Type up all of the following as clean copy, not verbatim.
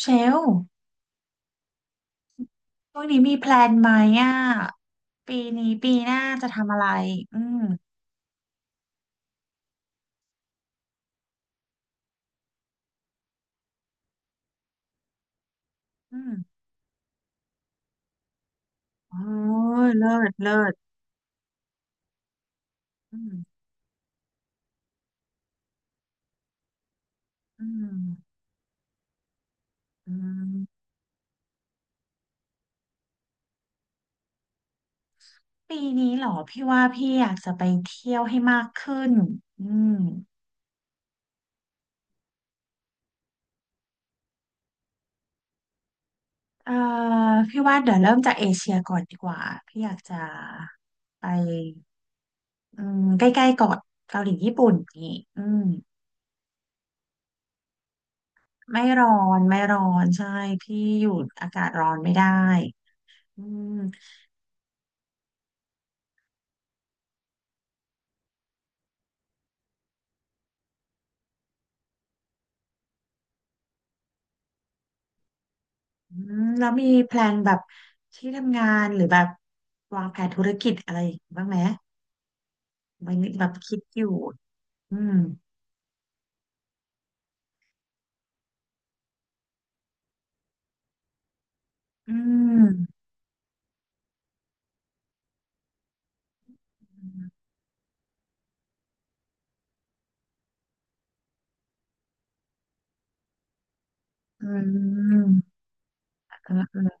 เชลล์พวกนี้มีแพลนไหมอ่ะปีนี้ปีหน้าจะทำอะไร อืมอืมโอ้ยเลิศเลิศอืมอืมอืมปีนี้เหรอพี่ว่าพี่อยากจะไปเที่ยวให้มากขึ้นอืมเอ่อพี่ว่าเดี๋ยวเริ่มจากเอเชียก่อนดีกว่าพี่อยากจะไปอืมใกล้ๆก่อนเกาหลีญี่ปุ่นนี่อืมไม่ร้อนไม่ร้อนใช่พี่อยู่อากาศร้อนไม่ได้อืม อืมแล้วมีแพลนแบบที่ทำงานหรือแบบวางแผนธุรกิจอะไรบ้างไหมมันแบบคิดอยู่อืมอืมอืมเออเออ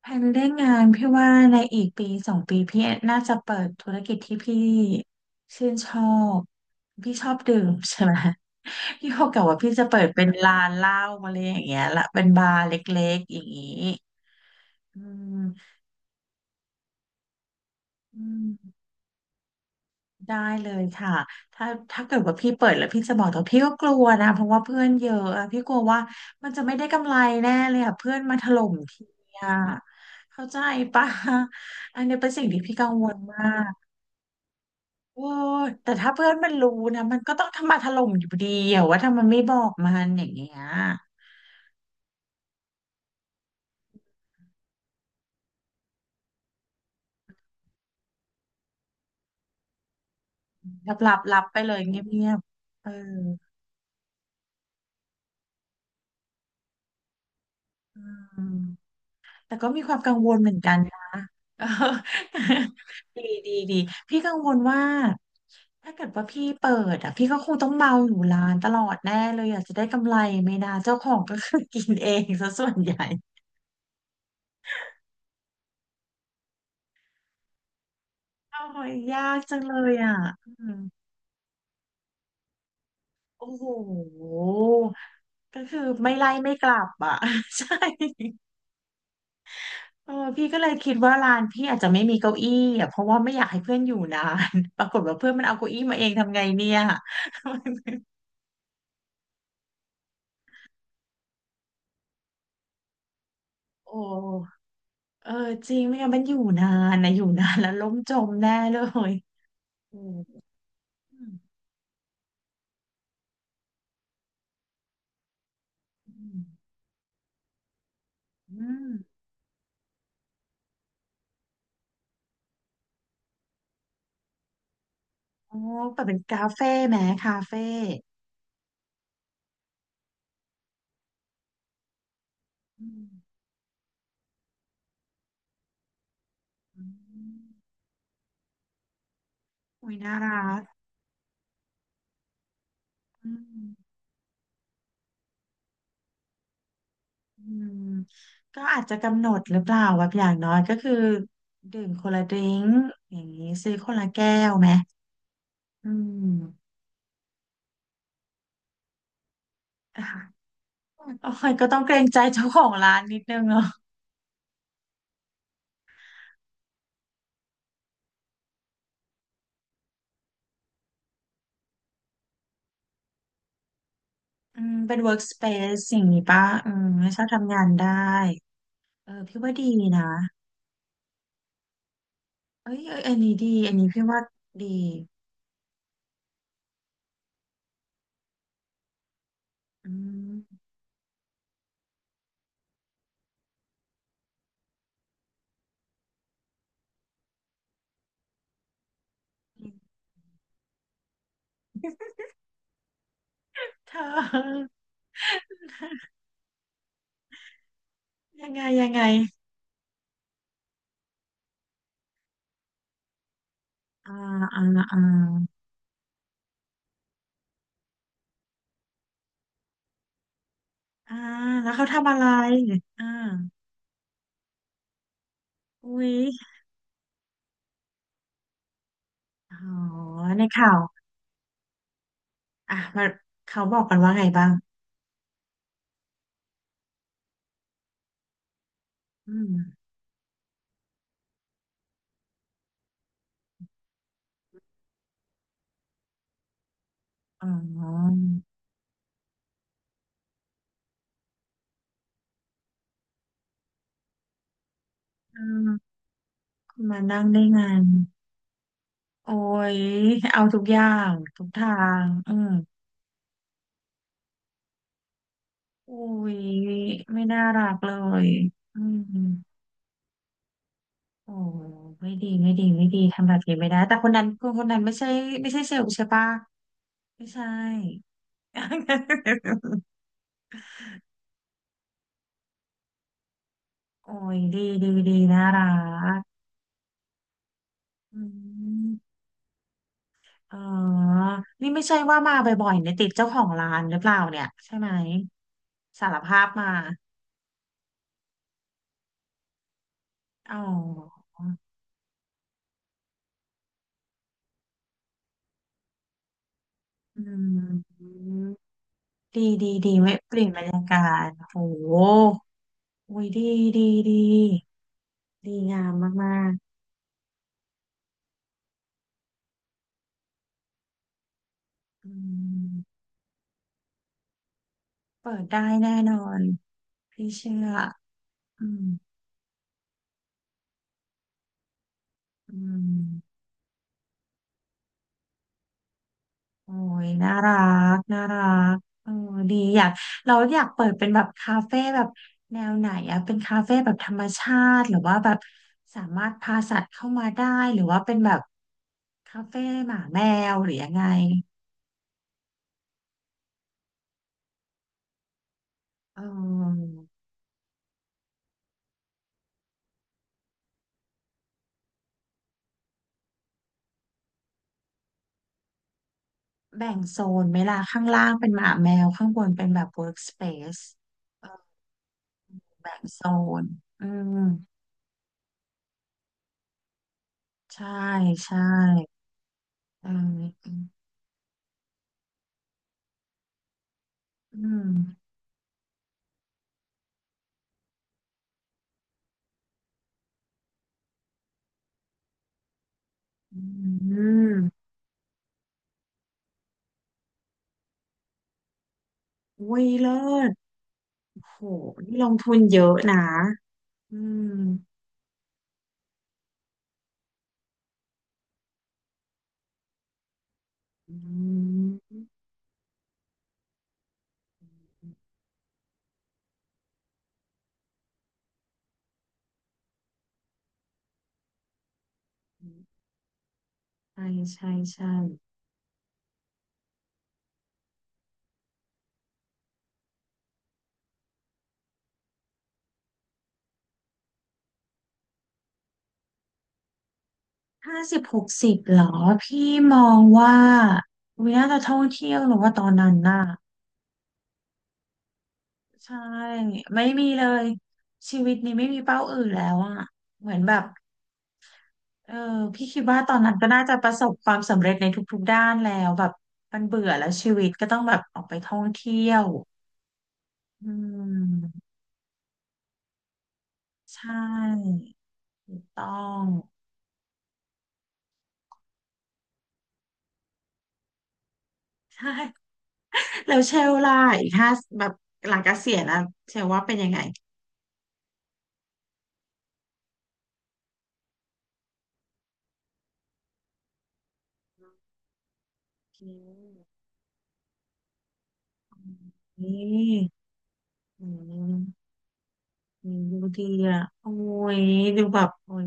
แผนเรื่องงานพี่ว่าในอีกปีสองปีพี่น่าจะเปิดธุรกิจที่พี่ชื่นชอบพี่ชอบดื่มใช่ไหม พี่บอกกับว่าพี่จะเปิดเป็นร้านเหล้าอะไรอย่างเงี้ยละเป็นบาร์เล็กๆอย่างงี้อืมอืม ได้เลยค่ะถ้าถ้าเกิดว่าพี่เปิดแล้วพี่จะบอกแต่พี่ก็กลัวนะเพราะว่าเพื่อนเยอะอะพี่กลัวว่ามันจะไม่ได้กำไรแน่เลยอะเพื่อนมาถล่มทีอะเข้าใจปะอันนี้เป็นสิ่งที่พี่กังวลมากโอ้ยแต่ถ้าเพื่อนมันรู้นะมันก็ต้องทำมาถล่มอยู่ดีอะว่าถ้ามันไม่บอกมันอย่างเงี้ยรับรับรับไปเลยเงียบๆเอออืมแต่ก็มีความกังวลเหมือนกันนะ ดีดีดีพี่กังวลว่า ถ้าเกิดว่าพี่เปิดอ่ะพี่ก็คงต้องเมาอยู่ร้านตลอดแน่เลยอยากจะได้กำไรไหม่นะเจ้าของก็คือกินเองซะส่วนใหญ่โอ้ยยากจังเลยอ่ะอืมโอ้โหก็คือไม่ไล่ไม่กลับอ่ะ ใช่เออพี่ก็เลยคิดว่าร้านพี่อาจจะไม่มีเก้าอี้อ่ะเพราะว่าไม่อยากให้เพื่อนอยู่นาน ปรากฏว่าเพื่อนมันเอาเก้าอี้มาเองทำไงเนี่ย โอ้เออจริงไม่งั้นมันอยู่นานนะอยู่นานแล้วล้มจมแน่เลยอืมอืม อืมโอ้เปิดเป็นคาเฟ่ไหมคาเฟ่อืมอืมอุ้ยน่ารักอืมอืมก็อาจจะกำหนดหรือเปล่าแบบอย่างน้อยก็คือดื่มคนละดริงก์อย่างนี้ซื้อคนละแก้วไหมอืมอ่ะโอ้ยก็ต้องเกรงใจเจ้าของร้านนิดนึงเนาะอืมเป็น workspace สิ่างนี้ป่ะอืมไม่ชอบทำงานได้เออพี่ว่าดีนะเอ้ยเอ้ยอันนี้ดีอันนี้พี่ว่าดีอืมเธอ ยังไงยังไงอ่าอ่าอ่าอ่าแล้วเขาทำอะไรอ่าอุ้ยอ๋อในข่าวอ่ะมันเขาบอกกันว่าไงบ้างอืมอ๋ออ่าคุณมานั่งได้ไงโอ้ย เอาทุกอย่างทุกทางอืมอุ้ย ไม่น่ารักเลยอืมโอ้ไม่ดีไม่ดีไม่ดีทำแบบนี้ไม่ได้ แต่คนนั้นคนคนนั้นไม่ใช่ไม่ใช่เซลล์ใช่ปะไม่ใช่ โอ้ยดีดีดีน่ารักอืมเออนี่ไม่ใช่ว่ามาบ่อยๆเนี่ยติดเจ้าของร้านหรือเปล่าเนี่ยใช่ไหมสารภาพมาอ๋ออืมดีดีดีไว้เปลี่ยนบรรยากาศโหโอ้ยดีดีดีดีงามมากๆอืมเปิดได้แน่นอนพี่เชื่ออืมอืม โอ้ยน่ารักน่ารักเออดีอยากเราอยากเปิดเป็นแบบคาเฟ่แบบแนวไหนอะเป็นคาเฟ่แบบธรรมชาติหรือว่าแบบสามารถพาสัตว์เข้ามาได้หรือว่าเป็นแบบคาเฟ่หมาแมวหรือยังไงเออแบ่งโซนไหมล่ะข้างล่างเป็นหมาแมวข้างบนเป็นแบบ workspace เออแบ่งโซนอืมใช่ใช่เอออืมอืมอืมอุ้ยเลิศ โหนี่ลงทุนเยอะนะอืมอืมใช่ใช่ใช่50 60เหรอ พี่มองว่า วิน่าจะท่องเที่ยวหรือว่าตอนนั้นน่ะใช่ ไม่มีเลย ชีวิตนี้ไม่มีเป้าอื่นแล้วอ่ะเหมือนแบบเออพี่คิดว่าตอนนั้นก็น่าจะประสบความสำเร็จในทุกๆด้านแล้วแบบมันเบื่อแล้วชีวิตก็ต้องแบบออกไปท่องเที่ยวอืมใช่ถูกต้อง ใช่แล้วเชลล่ะอีกห้าแบบหลังเกษียณแล้วเชลว่าเป็นยังไงอืมนี่อืมอืมดูดีอ่ะโอ้ยดูแบบโอ้ย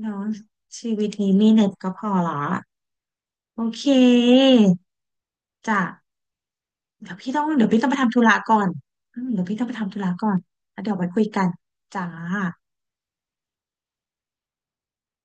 เนาะชีวิตนี้มีเน็ตก็พอละโอเคจ้ะเดี๋ยวพี่ต้องเดี๋ยวพี่ต้องไปทำธุระก่อนอืมเดี๋ยวพี่ต้องไปทำธุระก่อนแล้วเดี๋ยวไปคุยกันจ้า